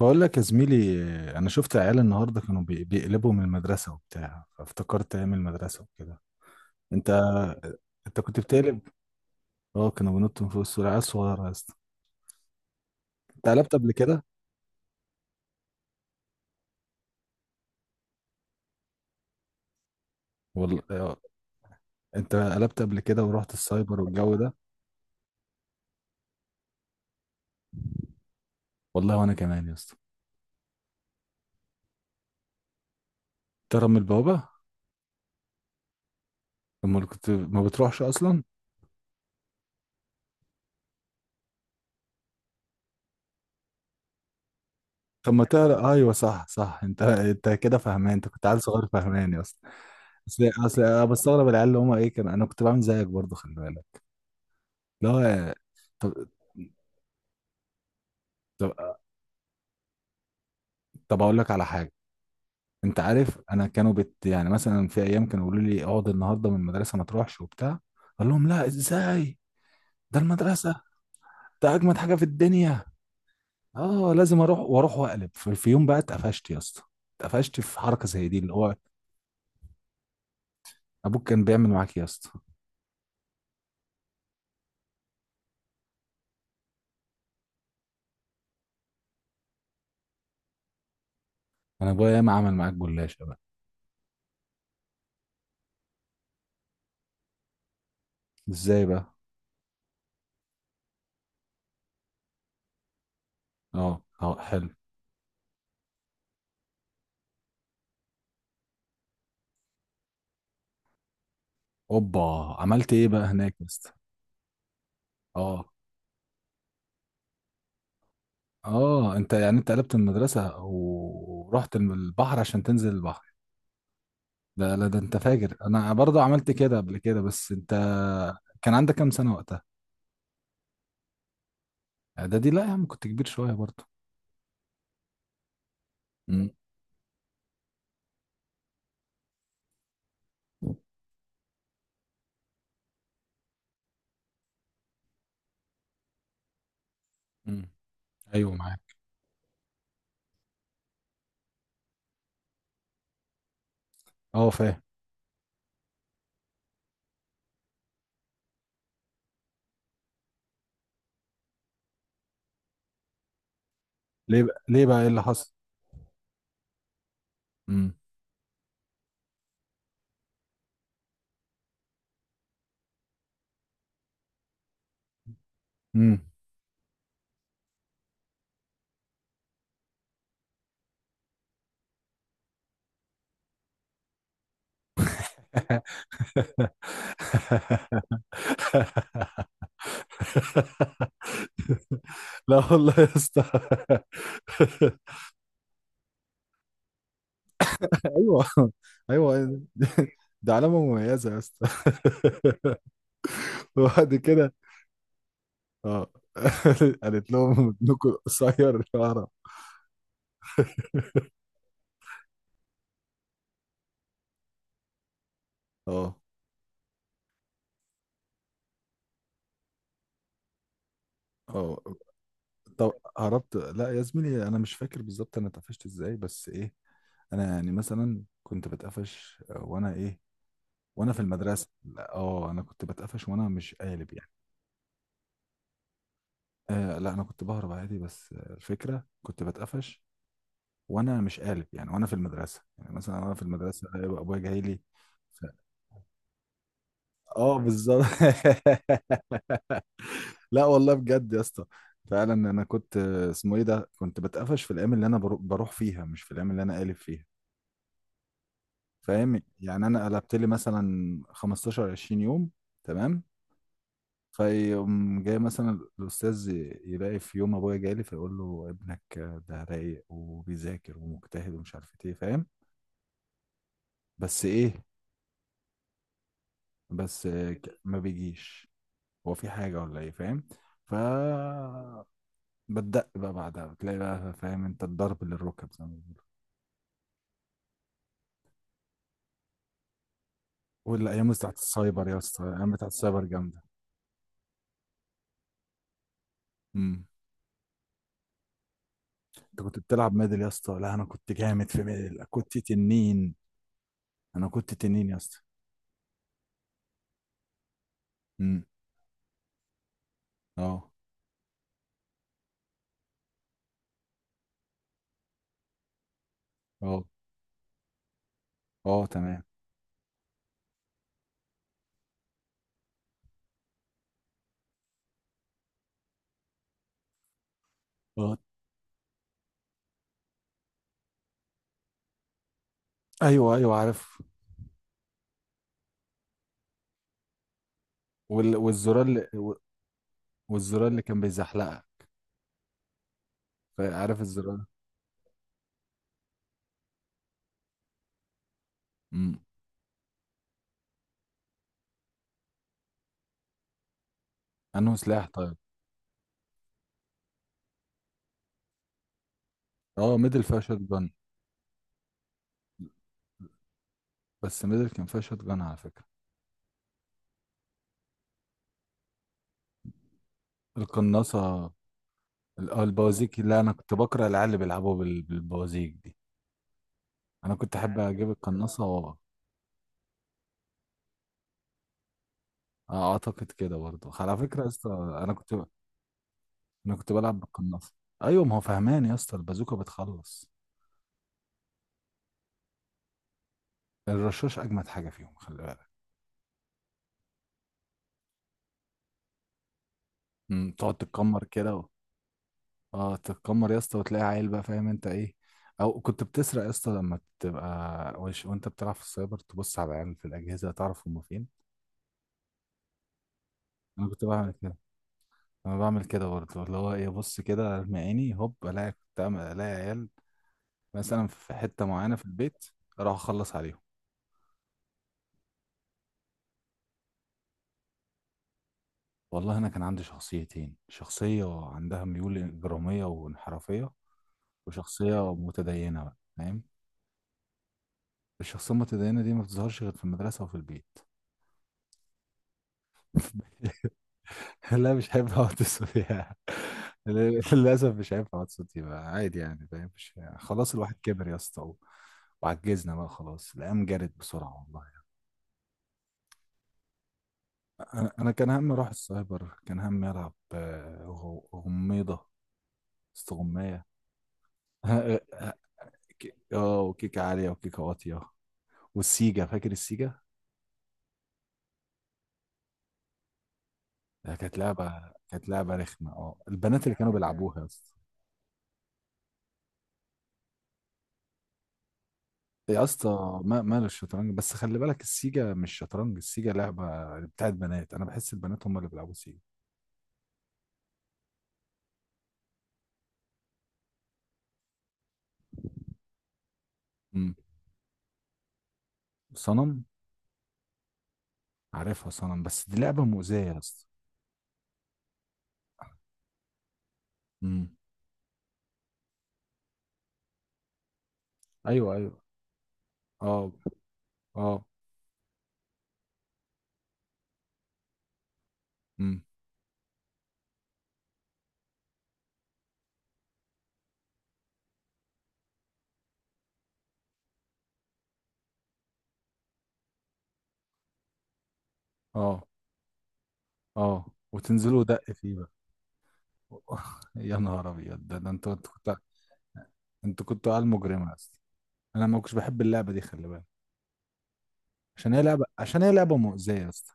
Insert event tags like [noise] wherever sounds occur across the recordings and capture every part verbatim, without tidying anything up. بقول لك يا زميلي، انا شفت عيال النهارده كانوا بي- بيقلبوا من المدرسه وبتاع، فافتكرت ايام المدرسه وكده. انت انت كنت بتقلب؟ اه كانوا بينطوا من فوق السور، عيال صغيره يا اسطى. انت قلبت قبل كده؟ والله آه. انت قلبت قبل كده ورحت السايبر والجو ده؟ والله وانا كمان يا اسطى. تهرب من البوابه؟ امال كنت ما بتروحش اصلا. طب ما تهرب، ايوه صح صح، انت انت كده فهمان، انت كنت عيل صغير فهمان يا اسطى. اصل اصل انا بستغرب العيال اللي هم ايه كانوا، انا كنت بعمل زيك برضه خلي بالك. لا. طب طب اقول لك على حاجه. انت عارف انا كانوا بت يعني مثلا في ايام كانوا يقولوا لي اقعد النهارده من المدرسه ما تروحش وبتاع، اقول لهم لا ازاي؟ ده المدرسه، ده اجمد حاجه في الدنيا. اه لازم اروح، واروح واقلب، في في يوم بقى اتقفشت يا اسطى. اتقفشت في حركه زي دي اللي هو، ابوك كان بيعمل معاك إيه يا اسطى؟ انا ابويا ياما عمل معاك جلاشه بقى. ازاي بقى؟ اه اه حلو. اوبا، عملت ايه بقى هناك يا اسطى؟ اه اه، انت يعني انت قلبت المدرسه ورحت البحر عشان تنزل البحر؟ ده لا ده انت فاجر، انا برضو عملت كده قبل كده بس انت، كان عندك كام سنة وقتها؟ اعدادي؟ لا يا عم كنت كبير شوية برضو. امم امم ايوه معاك. اه فاهم. ليه بقى؟ ليه بقى؟ ايه اللي حصل؟ امم امم [laughs] لا والله يا اسطى [laughs] ايوه ايوه، ده علامة مميزة يا اسطى. [laughs] وبعد كده اه. [laughs] قالت لهم ابنكم قصير شعره. [laughs] اه اه. طب هربت، لا يا زميلي انا مش فاكر بالظبط انا اتقفشت ازاي بس ايه، انا يعني مثلا كنت بتقفش وانا ايه، وانا في المدرسه. لا، اه انا كنت بتقفش وانا مش قالب يعني. آه لا انا كنت بهرب عادي بس آه، الفكره كنت بتقفش وانا مش قالب يعني وانا في المدرسه، يعني مثلا وانا في المدرسه يبقى ابويا جاي لي. ف- اه بالظبط. [laughs] لا والله بجد يا اسطى، فعلا انا كنت آه، اسمه ايه ده، كنت بتقفش في الايام اللي انا برو- بروح فيها مش في الايام اللي انا قالب فيها، فاهم؟ يعني انا قلبت لي مثلا خمستاشر عشرين يوم، تمام. فيقوم جاي مثلا الاستاذ ي- يلاقي في يوم ابويا جالي فيقول له ابنك ده رايق وبيذاكر ومجتهد ومش عارف ايه، فاهم؟ بس ايه، بس ك- ما بيجيش، هو في حاجه ولا ايه، فاهم؟ ف، بتدق بقى بعدها بتلاقي بقى فاهم انت الضرب للركب زي ما بيقولوا. والايام بتاعت السايبر يا اسطى، الايام بتاعت السايبر جامده. امم انت كنت بتلعب ميدل يا اسطى؟ لا انا كنت جامد في ميدل، كنت تنين. انا كنت تنين يا اسطى. امم اه. اه. اه تمام. اه. ايوه ايوه عارف. وال... والزرار اللي، والزرار اللي كان بيزحلقها. عارف الزرار؟ امم انه سلاح طيب؟ اه ميدل فيها شوت جان؟ بس ميدل كان فيها شوت جان على فكره. القناصه، ال- آه، البوازيك، لا انا كنت بكره العيال اللي بيلعبوا بال... بالبوازيك دي. انا كنت احب اجيب القناصه و... آه، اعتقد كده برضه على فكره يا اسطى. انا كنت، انا كنت بلعب بالقناصه. ايوه ما هو فهمان يا اسطى، البازوكه بتخلص، الرشاش اجمد حاجه فيهم خلي بالك. أمم، تقعد طب تتكمر كده و... اه تتكمر يا اسطى وتلاقي عيل بقى فاهم انت ايه. او كنت بتسرق يا اسطى لما تبقى وش... وانت بتلعب في السايبر تبص على العيال في الاجهزه تعرف هم فين. انا كنت بعمل كده. انا بعمل كده برضه، اللي هو ايه، ابص كده ارمي عيني هوب الاقي، كنت أعمل- الاقي عيال مثلا في حته معينه في البيت، اروح اخلص عليهم. والله انا كان عندي شخصيتين، شخصيه عندها ميول اجراميه وانحرافيه، وشخصيه متدينه بقى فاهم. الشخصية المتدينة دي ما بتظهرش غير في المدرسة وفي البيت. [laughs] لا مش هينفع اقعد فيها. [laughs] للأسف مش هينفع اقعد فيها عادي، يعني فاهم، مش يعني. خلاص الواحد كبر يا اسطى، و-، وعجزنا بقى خلاص، الأيام جرت بسرعة والله. أنا أنا كان همي أروح السايبر، كان همي ألعب آه، غ- غميضة، استغماية. [laughs] ك- اه، وكيكة عالية وكيكة واطية، والسيجا، فاكر السيجا؟ ده كانت لعبة، كانت لعبة رخمة، اه البنات اللي كانوا بيلعبوها. يا اسطى ما ماله الشطرنج، بس خلي بالك السيجا مش شطرنج، السيجا لعبة بتاعت بنات، انا بحس البنات هم اللي بيلعبوا سيجا. امم صنم. عارفها صنم، بس دي لعبة مؤذية يا اسطى. امم ايوه ايوه. اه. اه. امم اه. اه. وتنزلوا دق فيه بقى. [laughs] يا نهار ابيض، ده ده، انتوا انتوا كنت، انتوا كنتوا عيال مجرمة يا اسطى. انا ما كنتش بحب اللعبة دي خلي بالك، عشان هي لعبة عشان هي لعبة مؤذية يا اسطى.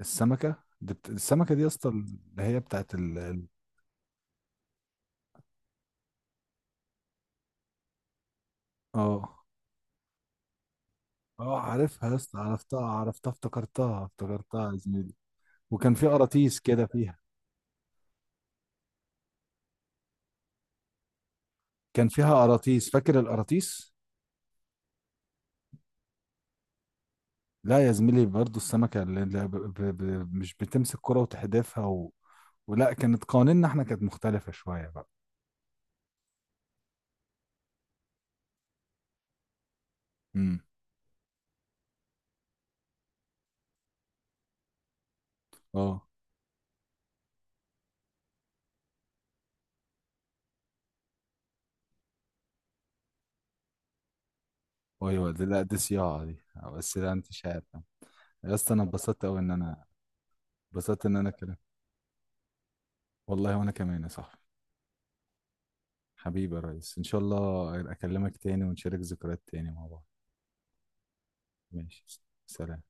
السمكة، دي بت... السمكة دي يا اسطى اللي هي بتاعت ال ال- اه اه عارفها يا اسطى، عرفتها عرفتها، افتكرتها افتكرتها يا زميلي. وكان في قراطيس كده فيها، كان فيها قراطيس، فاكر القراطيس؟ لا يا زميلي برضو السمكة اللي اللي ب... ب... ب... مش بتمسك كرة وتحدفها و... ولا كانت قوانيننا احنا كانت مختلفة شوية بقى. امم اه ايوه، دي لا دي صياعة دي. بس لا انت مش عارف. يا اسطى انا اتبسطت قوي ان انا، اتبسطت ان انا كده. والله وانا كمان يا صاحبي. حبيبي، يا ريس ان شاء الله اكلمك تاني ونشارك ذكريات تاني مع بعض. ماشي. سلام.